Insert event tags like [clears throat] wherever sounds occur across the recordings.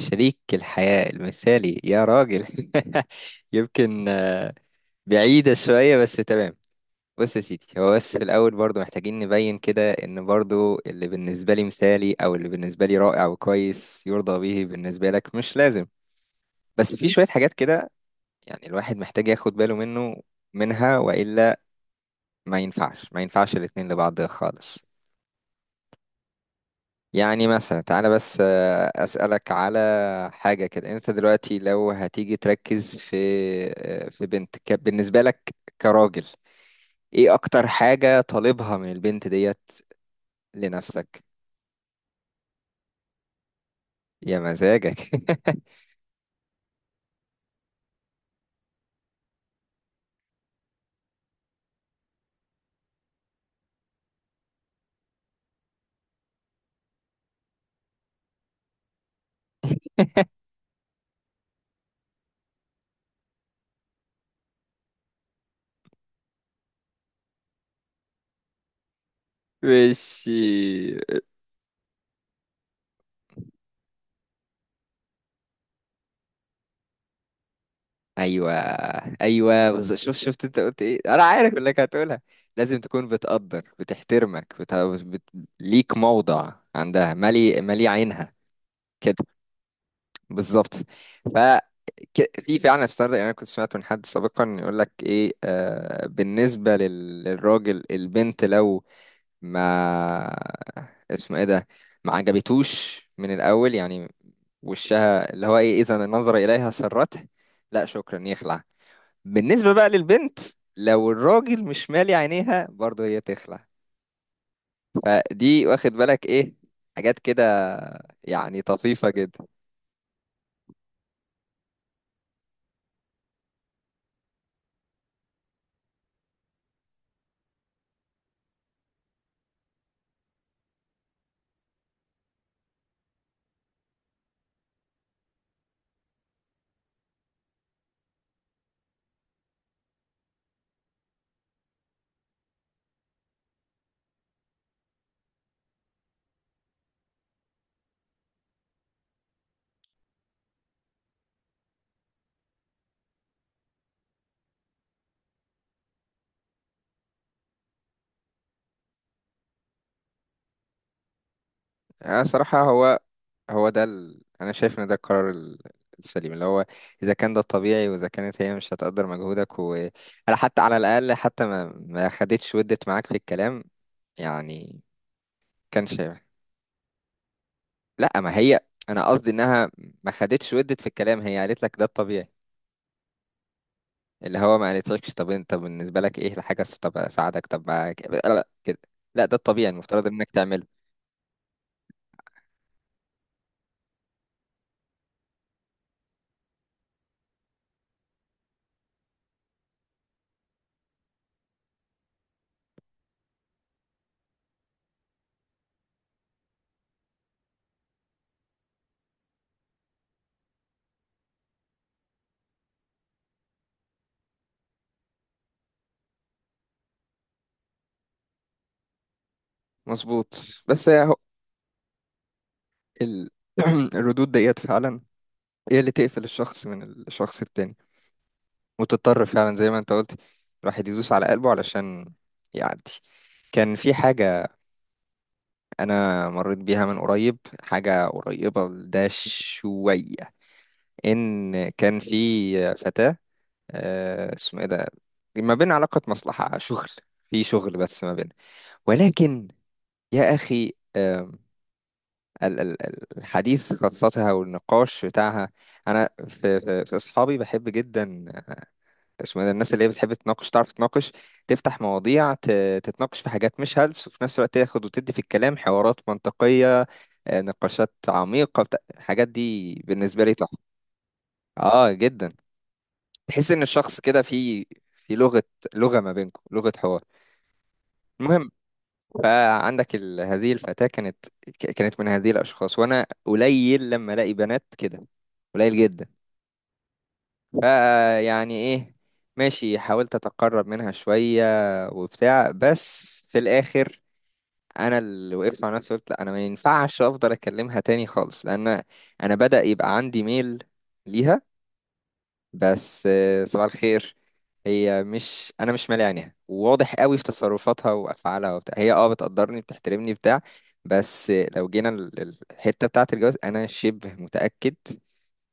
شريك الحياة المثالي يا راجل. [laughs] يمكن بعيدة شوية بس تمام. بص يا سيدي، هو بس في الأول برضو محتاجين نبين كده إن برضو اللي بالنسبة لي مثالي أو اللي بالنسبة لي رائع وكويس يرضى به بالنسبة لك مش لازم. بس في شوية حاجات كده، يعني الواحد محتاج ياخد باله منها، وإلا ما ينفعش الاتنين لبعض خالص. يعني مثلا تعالى بس أسألك على حاجة كده. انت دلوقتي لو هتيجي تركز في بنت بالنسبة لك كراجل، ايه اكتر حاجة طالبها من البنت ديت لنفسك؟ يا مزاجك. [laughs] ماشي. ايوه، ايوه، شفت انت قلت ايه، انا عارف انك هتقولها. لازم تكون بتقدر، بتحترمك، بت... ليك موضع عندها، مالي عينها. بالظبط. ف في فعلا ستاندرد، يعني انا كنت سمعت من حد سابقا يقول لك ايه، بالنسبه للراجل، البنت لو ما [laughs] اسمه ايه ده، ما عجبتوش من الاول يعني. وشها اللي هو ايه، اذا النظر اليها سرته، لا شكرا، يخلع. بالنسبه بقى للبنت، لو الراجل مش مالي عينيها برضه، هي تخلع. فدي، واخد بالك، ايه حاجات كده، يعني طفيفه جدا. يعني صراحه، هو ده انا شايف ان ده القرار السليم، اللي هو اذا كان ده الطبيعي، واذا كانت هي مش هتقدر مجهودك، و حتى على الاقل، حتى ما خدتش ودت معاك في الكلام يعني. كانش، لا ما هي، انا قصدي انها ما خدتش ودت في الكلام، هي قالت لك ده الطبيعي، اللي هو ما قالتلكش طب انت، طب بالنسبه لك ايه الحاجه طب اساعدك طب لا، لا كده، لا ده الطبيعي، المفترض انك تعمله. مظبوط. بس هي ال... [clears throat] الردود ديت فعلا هي اللي تقفل الشخص من الشخص التاني، وتضطر فعلا زي ما انت قلت، الواحد يدوس على قلبه علشان يعدي. كان في حاجة، أنا مريت بيها من قريب، حاجة قريبة لده شوية، إن كان في فتاة، اسمه إيه ده، ما بين علاقة مصلحة شغل، في شغل، بس ما بين، ولكن، يا أخي، الحديث قصتها والنقاش بتاعها. أنا في أصحابي بحب جدا، اسمه ده، الناس اللي هي بتحب تناقش، تعرف تناقش، تفتح مواضيع، تتناقش في حاجات مش هلس، وفي نفس الوقت تاخد وتدي في الكلام، حوارات منطقية، نقاشات عميقة، الحاجات دي بالنسبة لي تحفة. اه جدا. تحس ان الشخص كده في لغة ما بينكم، لغة حوار. المهم، فعندك هذه الفتاة كانت كانت من هذه الأشخاص، وأنا قليل لما ألاقي بنات كده، قليل جدا. فيعني ايه، ماشي، حاولت اتقرب منها شوية وبتاع، بس في الاخر، انا اللي وقفت مع نفسي، قلت لا انا ما ينفعش افضل اكلمها تاني خالص، لان انا بدأ يبقى عندي ميل ليها. بس صباح الخير. هي مش انا مش مالي عينيها، وواضح قوي في تصرفاتها وافعالها وبتاع، هي بتقدرني بتحترمني بتاع. بس لو جينا الحتة بتاعة الجواز، انا شبه متأكد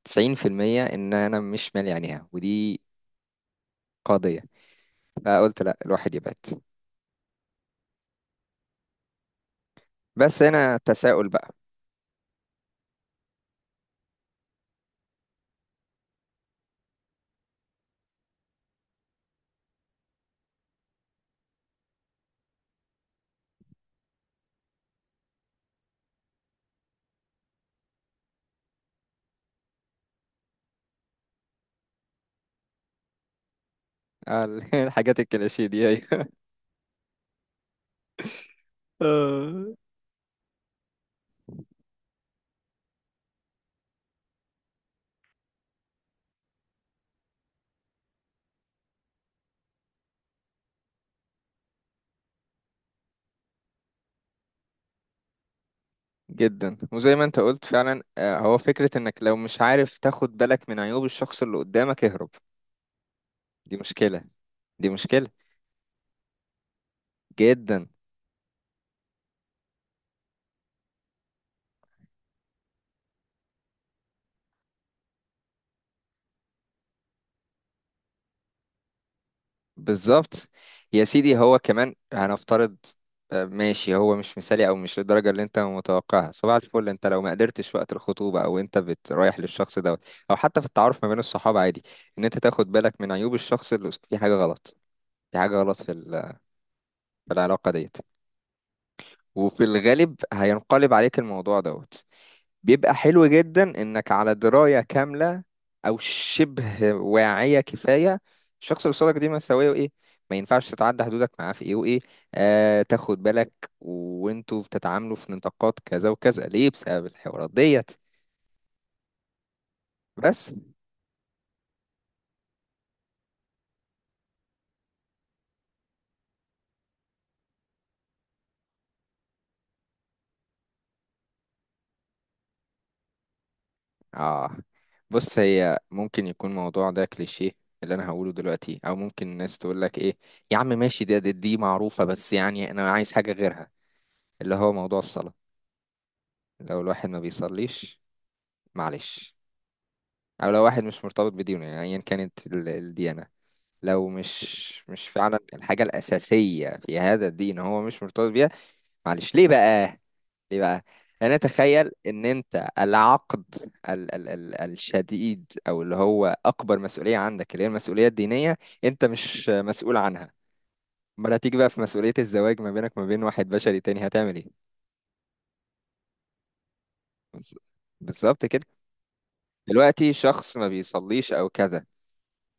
90% ان انا مش مالي عينيها، ودي قضية. قلت لا الواحد يبعد. بس هنا تساؤل بقى. [laughs] الحاجات الكليشيه دي. أيوة. آه. جدا. وزي ما انت قلت فعلا، هو فكرة انك لو مش عارف تاخد بالك من عيوب الشخص اللي قدامك، اهرب. دي مشكلة، دي مشكلة جدا. بالظبط. يا سيدي، هو كمان هنفترض ماشي، هو مش مثالي او مش للدرجه اللي انت متوقعها، صباح الفل. انت لو ما قدرتش وقت الخطوبه، او انت رايح للشخص دوت، او حتى في التعارف ما بين الصحاب، عادي ان انت تاخد بالك من عيوب الشخص اللي في حاجه غلط، في حاجه غلط في في العلاقه ديت. وفي الغالب هينقلب عليك الموضوع دوت. بيبقى حلو جدا انك على دراية كاملة، او شبه واعية كفاية، الشخص اللي قصادك دي مساوية وايه، ما ينفعش تتعدى حدودك معاه في ايه وايه. تاخد بالك وانتوا بتتعاملوا في نطاقات كذا وكذا، ليه؟ بسبب الحوارات ديت. بس. اه بص، هي ممكن يكون الموضوع ده كليشيه اللي انا هقوله دلوقتي، او ممكن الناس تقول لك ايه، يا عم ماشي، دي معروفة، بس يعني انا عايز حاجة غيرها. اللي هو موضوع الصلاة. لو الواحد ما بيصليش، معلش، او لو واحد مش مرتبط بدينه، يعني ايا كانت الديانة، لو مش فعلا الحاجة الأساسية في هذا الدين هو مش مرتبط بيها. معلش. ليه بقى؟ ليه بقى؟ أنا أتخيل إن أنت العقد، ال ال ال الشديد، أو اللي هو أكبر مسؤولية عندك اللي هي المسؤولية الدينية، أنت مش مسؤول عنها. أمال هتيجي بقى في مسؤولية الزواج ما بينك وما بين واحد بشري تاني، هتعمل إيه؟ بز- بالظبط كده. دلوقتي شخص ما بيصليش أو كذا،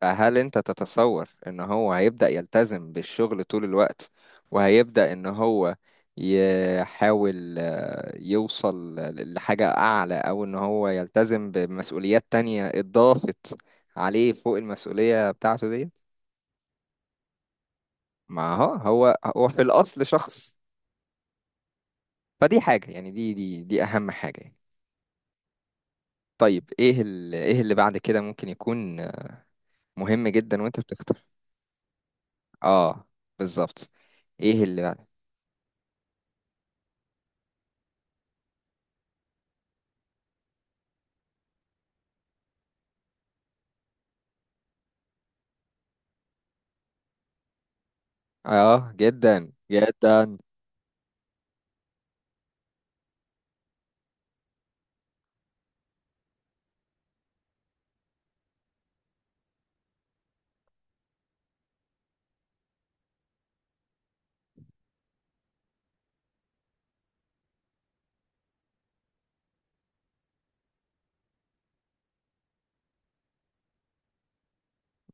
فهل انت تتصور ان هو هيبدأ يلتزم بالشغل طول الوقت، وهيبدأ ان هو يحاول يوصل لحاجة أعلى، أو إن هو يلتزم بمسؤوليات تانية اتضافت عليه فوق المسؤولية بتاعته دي؟ ما هو في الأصل شخص. فدي حاجة، يعني دي أهم حاجة يعني. طيب، إيه إيه اللي بعد كده ممكن يكون مهم جدا وأنت بتختار. آه بالظبط. إيه اللي اه جدا جدا.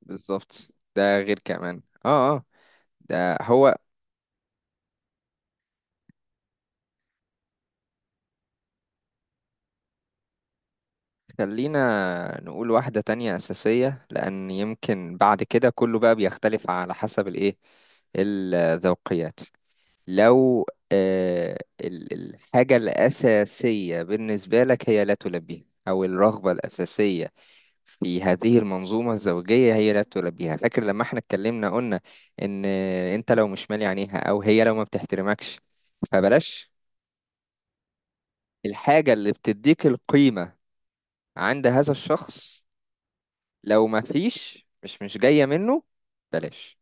بالظبط. ده غير كمان ده هو. خلينا نقول واحدة تانية أساسية، لأن يمكن بعد كده كله بقى بيختلف على حسب الإيه، الذوقيات. لو الحاجة الأساسية بالنسبة لك هي لا تلبيها، أو الرغبة الأساسية في هذه المنظومة الزوجية هي لا تلبيها. فاكر لما احنا اتكلمنا، قلنا إن أنت لو مش مالي عينيها أو هي لو ما بتحترمكش، فبلاش. الحاجة اللي بتديك القيمة عند هذا الشخص، لو ما فيش، مش جاية منه، بلاش.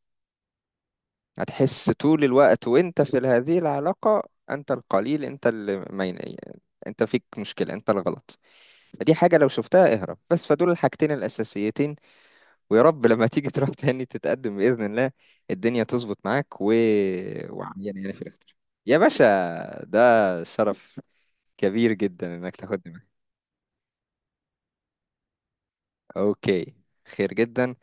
هتحس طول الوقت وانت في هذه العلاقة، انت القليل، انت اللي ما ين- انت فيك مشكلة، انت الغلط. فدي حاجة لو شفتها اهرب. بس فدول الحاجتين الاساسيتين، ويا رب لما تيجي [laughs] تروح تاني تتقدم، باذن الله الدنيا تظبط معاك، و وعيان يعني في الاختيار. يا باشا، ده شرف كبير جدا انك تاخدني معاك. اوكي، خير جدا.